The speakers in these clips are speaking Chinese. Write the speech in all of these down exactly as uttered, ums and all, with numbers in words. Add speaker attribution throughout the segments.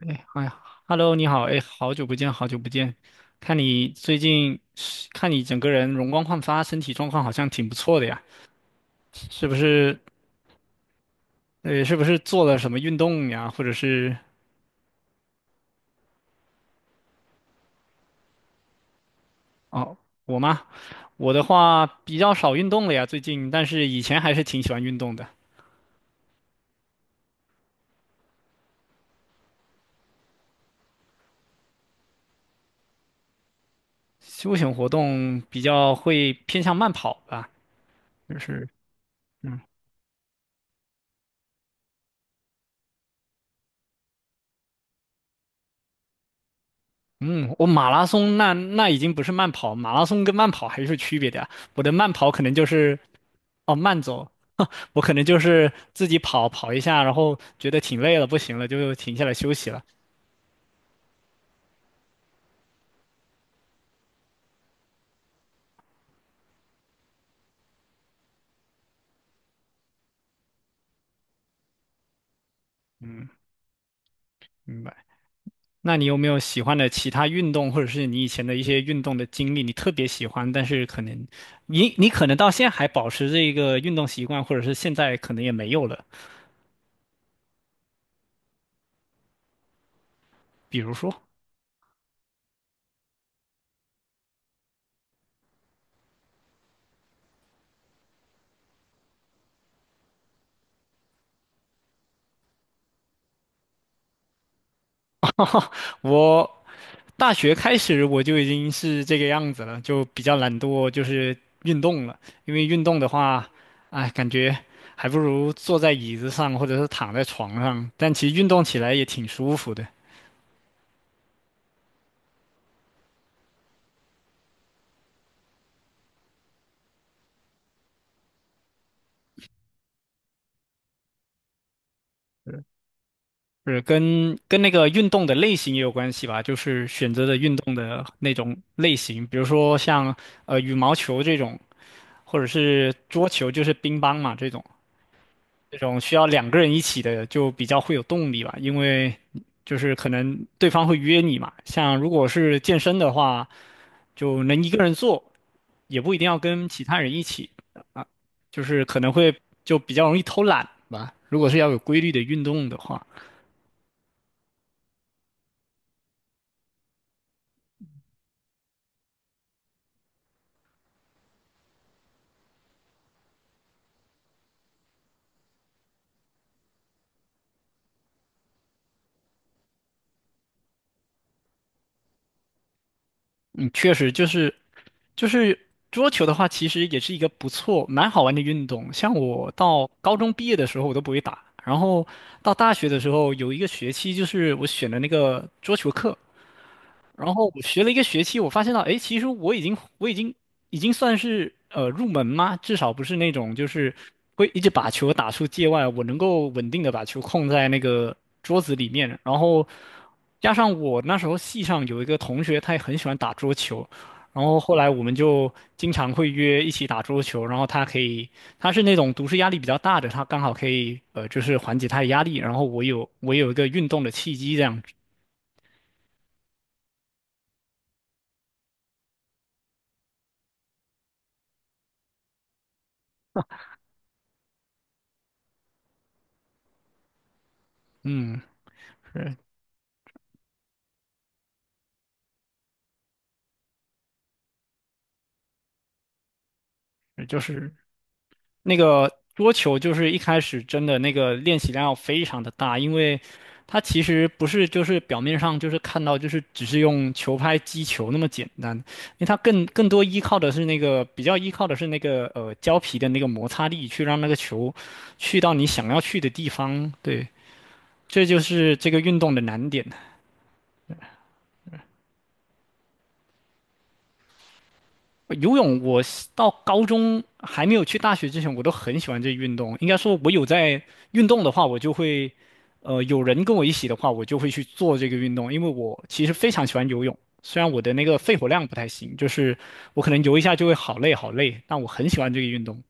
Speaker 1: 哎，哎呀，Hello，你好，哎，好久不见，好久不见，看你最近看你整个人容光焕发，身体状况好像挺不错的呀，是不是？呃，是不是做了什么运动呀？或者是哦，我吗？我的话比较少运动了呀，最近，但是以前还是挺喜欢运动的，休闲活动比较会偏向慢跑吧，就是。嗯。嗯，我马拉松那那已经不是慢跑，马拉松跟慢跑还是有区别的呀。我的慢跑可能就是哦慢走，我可能就是自己跑跑一下，然后觉得挺累了，不行了就停下来休息了。嗯，明白。那你有没有喜欢的其他运动，或者是你以前的一些运动的经历，你特别喜欢，但是可能你你可能到现在还保持这个运动习惯，或者是现在可能也没有了，比如说？我大学开始我就已经是这个样子了，就比较懒惰，就是运动了。因为运动的话，哎，感觉还不如坐在椅子上或者是躺在床上，但其实运动起来也挺舒服的。是跟跟那个运动的类型也有关系吧，就是选择的运动的那种类型，比如说像呃羽毛球这种，或者是桌球，就是乒乓嘛这种。这种需要两个人一起的就比较会有动力吧，因为就是可能对方会约你嘛。像如果是健身的话，就能一个人做，也不一定要跟其他人一起啊，就是可能会就比较容易偷懒吧。如果是要有规律的运动的话，嗯，确实就是就是桌球的话，其实也是一个不错、蛮好玩的运动。像我到高中毕业的时候，我都不会打，然后到大学的时候有一个学期，就是我选的那个桌球课，然后我学了一个学期，我发现到，哎，其实我已经我已经已经算是呃入门吗？至少不是那种就是会一直把球打出界外，我能够稳定的把球控在那个桌子里面。然后加上我那时候系上有一个同学，他也很喜欢打桌球，然后后来我们就经常会约一起打桌球。然后他可以，他是那种读书压力比较大的，他刚好可以呃就是缓解他的压力。然后我有我有一个运动的契机这样子，嗯，是是就是。那个桌球就是一开始真的那个练习量要非常的大，因为它其实不是就是表面上就是看到就是只是用球拍击球那么简单，因为它更更多依靠的是那个比较依靠的是那个呃胶皮的那个摩擦力去让那个球去到你想要去的地方，对，这就是这个运动的难点。游泳我是到高中还没有去大学之前，我都很喜欢这运动。应该说，我有在运动的话，我就会，呃，有人跟我一起的话，我就会去做这个运动，因为我其实非常喜欢游泳。虽然我的那个肺活量不太行，就是我可能游一下就会好累好累，但我很喜欢这个运动。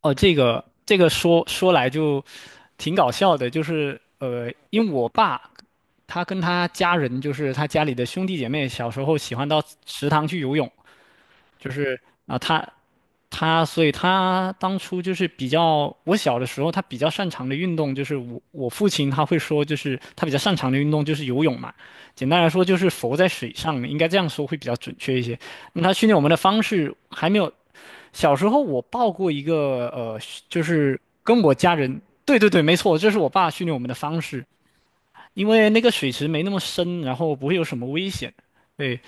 Speaker 1: 哦，这个这个说说来就挺搞笑的，就是呃，因为我爸他跟他家人，就是他家里的兄弟姐妹，小时候喜欢到池塘去游泳。就是啊，他他，所以他当初就是比较，我小的时候他比较擅长的运动就是我我父亲他会说，就是他比较擅长的运动就是游泳嘛，简单来说就是浮在水上，应该这样说会比较准确一些。那他训练我们的方式还没有，小时候我报过一个呃，就是跟我家人。对对对，没错，这是我爸训练我们的方式。因为那个水池没那么深，然后不会有什么危险。对，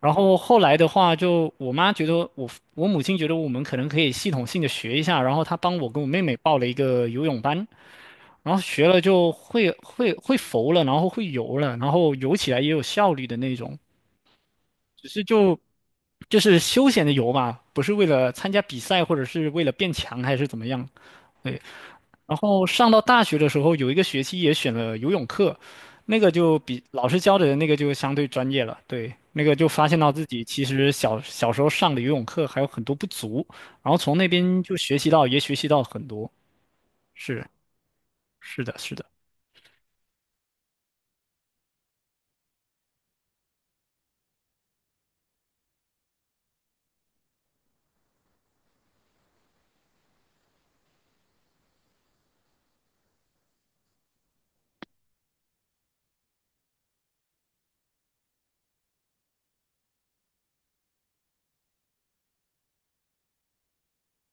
Speaker 1: 然后后来的话就，我妈觉得我我母亲觉得我们可能可以系统性的学一下，然后她帮我跟我妹妹报了一个游泳班，然后学了就会会会浮了，然后会游了，然后游起来也有效率的那种，只是就就是休闲的游嘛，不是为了参加比赛或者是为了变强还是怎么样。对。然后上到大学的时候，有一个学期也选了游泳课，那个就比老师教的那个就相对专业了。对，那个就发现到自己其实小小时候上的游泳课还有很多不足，然后从那边就学习到，也学习到很多。是是的，是的，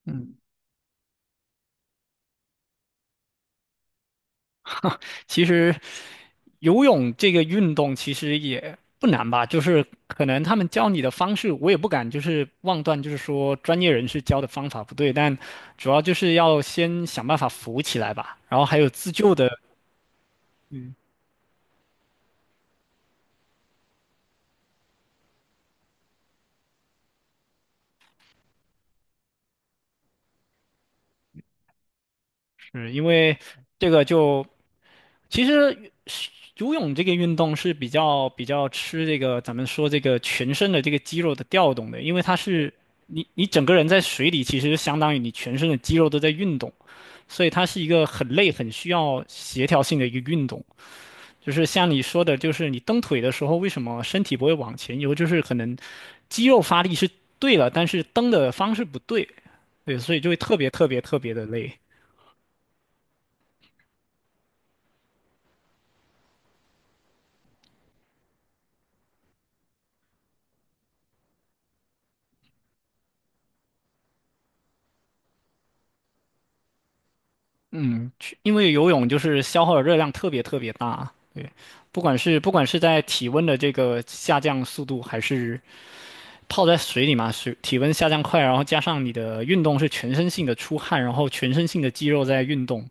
Speaker 1: 嗯。其实游泳这个运动其实也不难吧，就是可能他们教你的方式，我也不敢就是妄断，就是说专业人士教的方法不对，但主要就是要先想办法浮起来吧。然后还有自救的，是因为这个就其实游泳这个运动是比较比较吃这个咱们说这个全身的这个肌肉的调动的，因为它是你你整个人在水里，其实相当于你全身的肌肉都在运动。所以它是一个很累、很需要协调性的一个运动。就是像你说的，就是你蹬腿的时候，为什么身体不会往前游？就是可能肌肉发力是对了，但是蹬的方式不对，对，所以就会特别特别特别的累。嗯，去因为游泳就是消耗的热量特别特别大，对，不管是不管是在体温的这个下降速度，还是泡在水里嘛，水体温下降快，然后加上你的运动是全身性的出汗，然后全身性的肌肉在运动，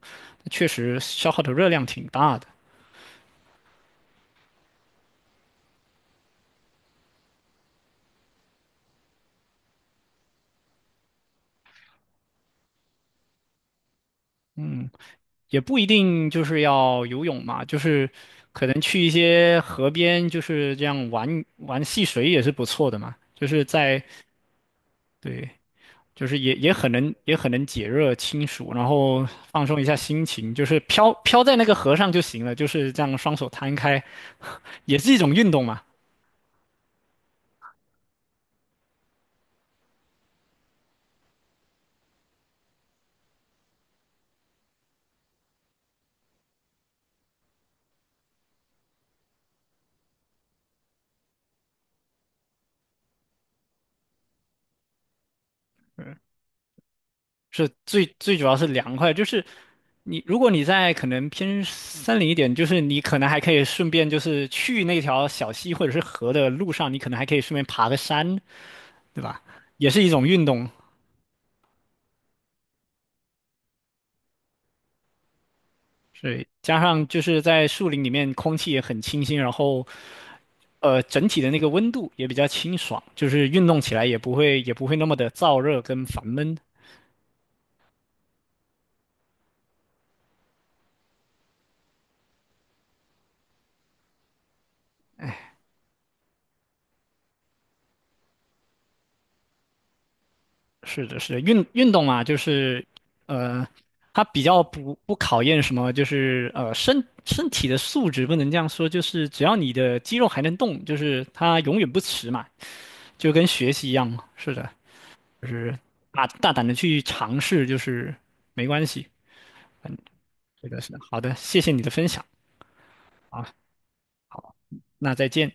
Speaker 1: 确实消耗的热量挺大的。嗯，也不一定就是要游泳嘛，就是可能去一些河边，就是这样玩玩戏水也是不错的嘛。就是在对，就是也也很能也很能解热清暑，然后放松一下心情，就是飘飘在那个河上就行了，就是这样双手摊开，也是一种运动嘛。嗯。是最最主要是凉快，就是你如果你在可能偏森林一点，就是你可能还可以顺便就是去那条小溪或者是河的路上，你可能还可以顺便爬个山，对吧？也是一种运动。所以加上就是在树林里面空气也很清新，然后呃整体的那个温度也比较清爽，就是运动起来也不会也不会那么的燥热跟烦闷。是的，是的，运运动嘛，就是呃，它比较不不考验什么，就是呃身身体的素质不能这样说，就是只要你的肌肉还能动，就是它永远不迟嘛，就跟学习一样嘛。是的，就是大大胆的去尝试，就是没关系。是的，是的，好的，谢谢你的分享啊，那再见。